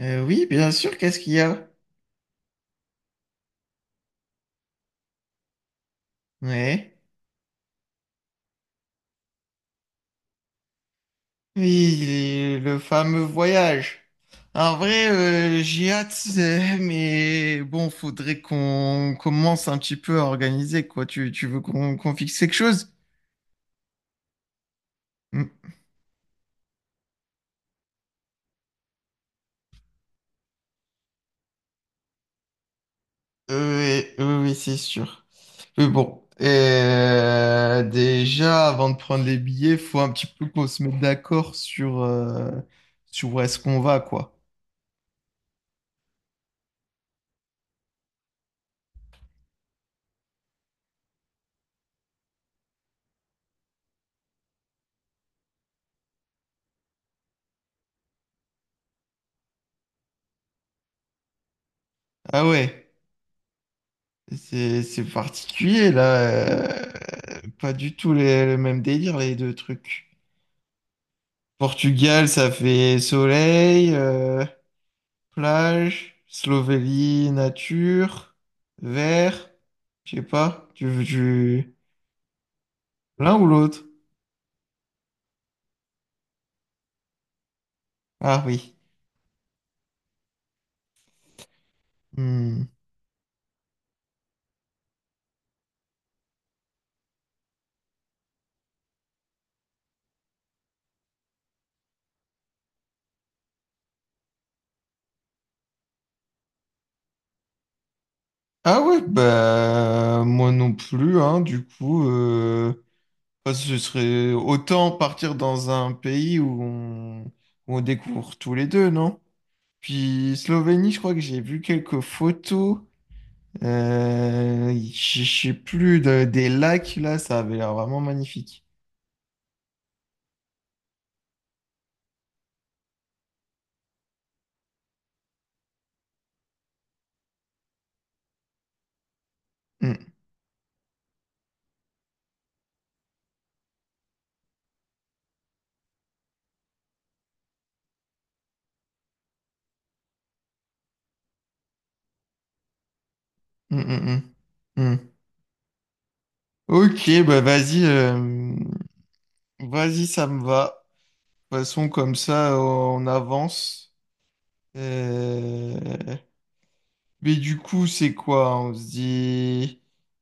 Oui, bien sûr, qu'est-ce qu'il y a? Ouais. Oui, le fameux voyage. En vrai, j'ai hâte, mais bon, faudrait qu'on commence un petit peu à organiser, quoi. Tu veux qu'on fixe quelque chose? Mm. Oui, oui, oui, c'est sûr. Mais bon, déjà, avant de prendre les billets, faut un petit peu qu'on se mette d'accord sur, sur où est-ce qu'on va, quoi. Ah ouais. C'est particulier là, euh, pas du tout le même délire les deux trucs. Portugal, ça fait soleil, plage, Slovénie, nature, vert, je sais pas, tu veux l'un ou l'autre? Ah oui. Hmm. Ah ouais, bah moi non plus, hein, du coup, parce que ce serait autant partir dans un pays où on découvre tous les deux, non? Puis Slovénie, je crois que j'ai vu quelques photos. Je sais plus, des lacs, là, ça avait l'air vraiment magnifique. Mm, mm, mm, mm, mm. Ok, bah vas-y, vas-y, ça me va. De toute façon, comme ça, on avance. Euh, Mais du coup, c'est quoi? On se dit,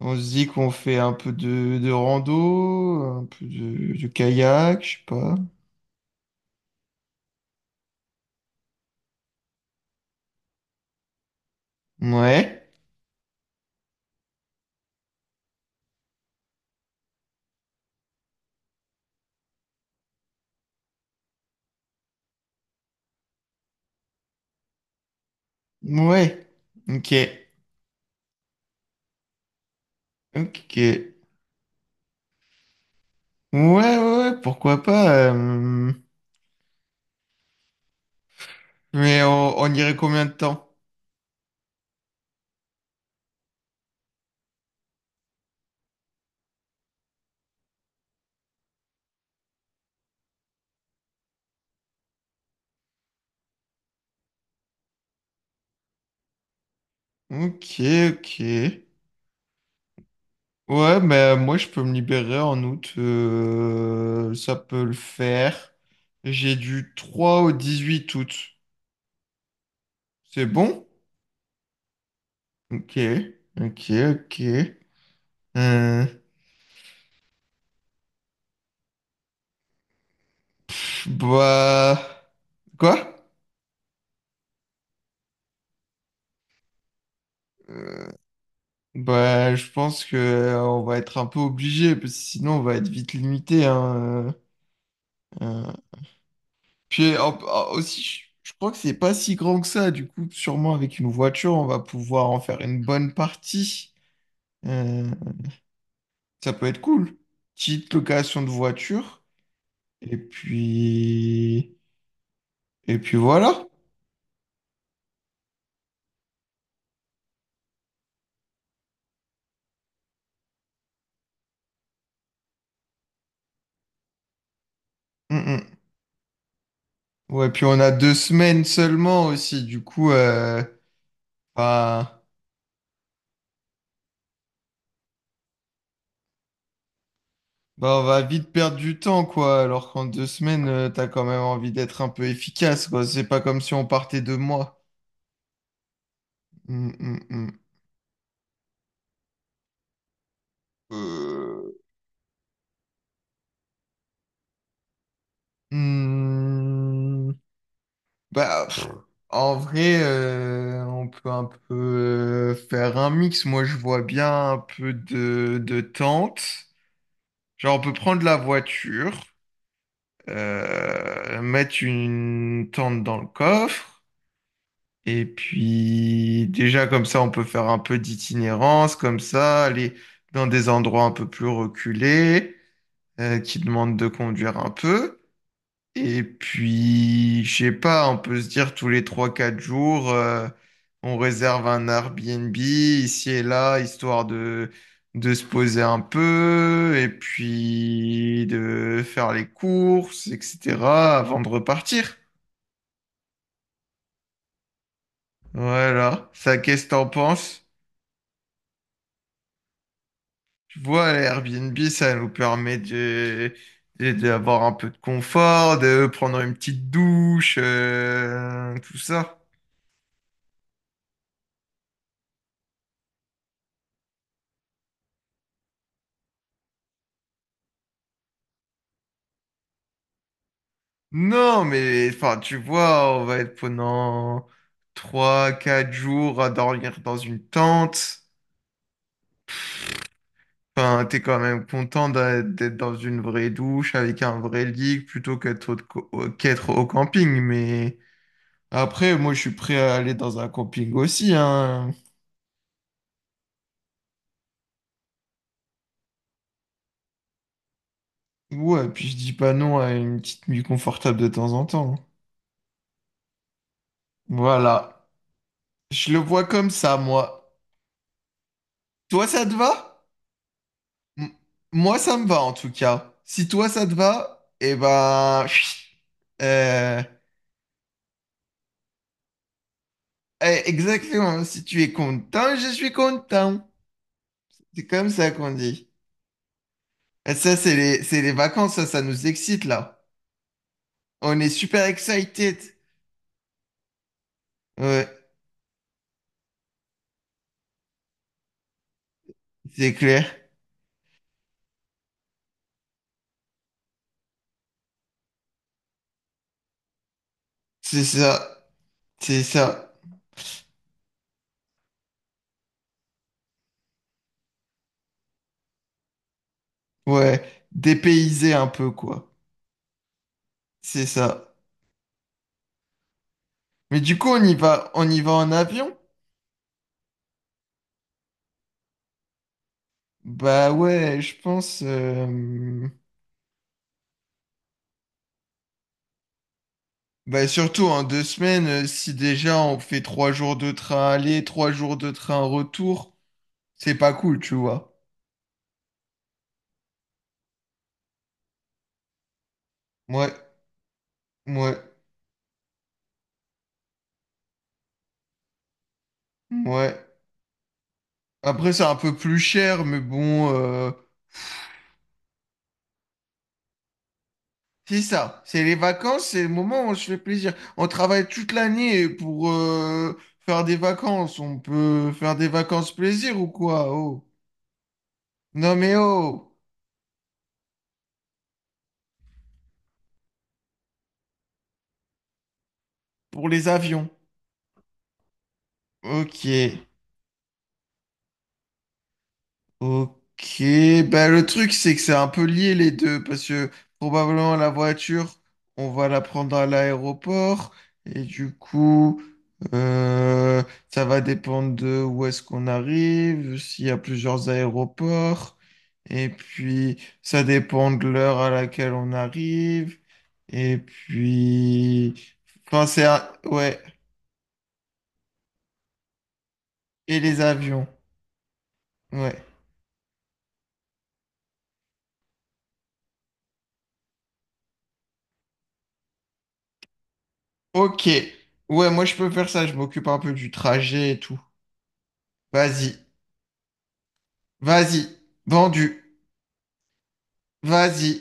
on se dit qu'on fait un peu de rando, un peu de kayak, je sais pas. Ouais. Ouais, ok, ok. Ok. Ouais, ouais, ouais, pourquoi pas. Mais on irait combien de temps? Ok, ok. Ouais, bah moi je peux me libérer en août. Ça peut le faire. J'ai du 3 au 18 août. C'est bon? Ok, ok, ok. Euh, pff, bah... Quoi? Bah, je pense que on va être un peu obligé, parce que sinon on va être vite limité. hein, euh, euh. Puis aussi, je crois que c'est pas si grand que ça. Du coup, sûrement avec une voiture, on va pouvoir en faire une bonne partie. Euh, Ça peut être cool. Petite location de voiture. Et puis, et puis voilà. Mm, mm. Ouais, puis on a 2 semaines seulement aussi. Du coup, enfin, bah, on va vite perdre du temps, quoi, alors qu'en 2 semaines, t'as quand même envie d'être un peu efficace, quoi. C'est pas comme si on partait 2 mois. Hum, hum, hum. Euh, hum. Bah, pff, en vrai, on peut un peu faire un mix. Moi, je vois bien un peu de tente. Genre, on peut prendre la voiture, mettre une tente dans le coffre. Et puis déjà comme ça, on peut faire un peu d'itinérance, comme ça, aller dans des endroits un peu plus reculés, qui demandent de conduire un peu. Et puis, je sais pas, on peut se dire tous les trois quatre jours, on réserve un Airbnb ici et là, histoire de se poser un peu, et puis de faire les courses, etc., avant de repartir. Voilà. Ça, qu'est-ce que t'en penses? Tu vois, Airbnb, ça nous permet d'avoir un peu de confort, de prendre une petite douche, tout ça. Non, mais enfin, tu vois, on va être pendant trois, quatre jours à dormir dans une tente. Enfin, t'es quand même content d'être dans une vraie douche avec un vrai lit plutôt qu'être au camping. Mais après, moi, je suis prêt à aller dans un camping aussi, hein. Ouais, puis je dis pas non à une petite nuit confortable de temps en temps, hein. Voilà. Je le vois comme ça, moi. Toi, ça te va? M- Moi, ça me va, en tout cas. Si toi, ça te va, eh ben... chut. Euh, eh, exactement. Si tu es content, je suis content. C'est comme ça qu'on dit. Et ça, c'est les vacances, ça nous excite, là. On est super excited. Ouais, c'est clair. C'est ça. C'est ça. Ouais. Dépaysé un peu, quoi. C'est ça. Mais du coup, on y va en avion? Bah ouais, je pense. Bah surtout en 2 semaines, si déjà on fait 3 jours de train aller, 3 jours de train retour, c'est pas cool, tu vois. Ouais, ouais, ouais. Après, c'est un peu plus cher, mais bon, c'est ça. C'est les vacances, c'est le moment où on se fait plaisir. On travaille toute l'année pour faire des vacances. On peut faire des vacances plaisir ou quoi? Oh. Non mais oh. Pour les avions. Ok, ok. Ben, le truc, c'est que c'est un peu lié les deux, parce que probablement la voiture, on va la prendre à l'aéroport, et du coup, euh, ça va dépendre de où est-ce qu'on arrive, s'il y a plusieurs aéroports, et puis ça dépend de l'heure à laquelle on arrive, et puis... Enfin, Ouais, et les avions. Ouais. Ok. Ouais, moi je peux faire ça, je m'occupe un peu du trajet et tout. Vas-y. Vas-y. Vendu. Vas-y.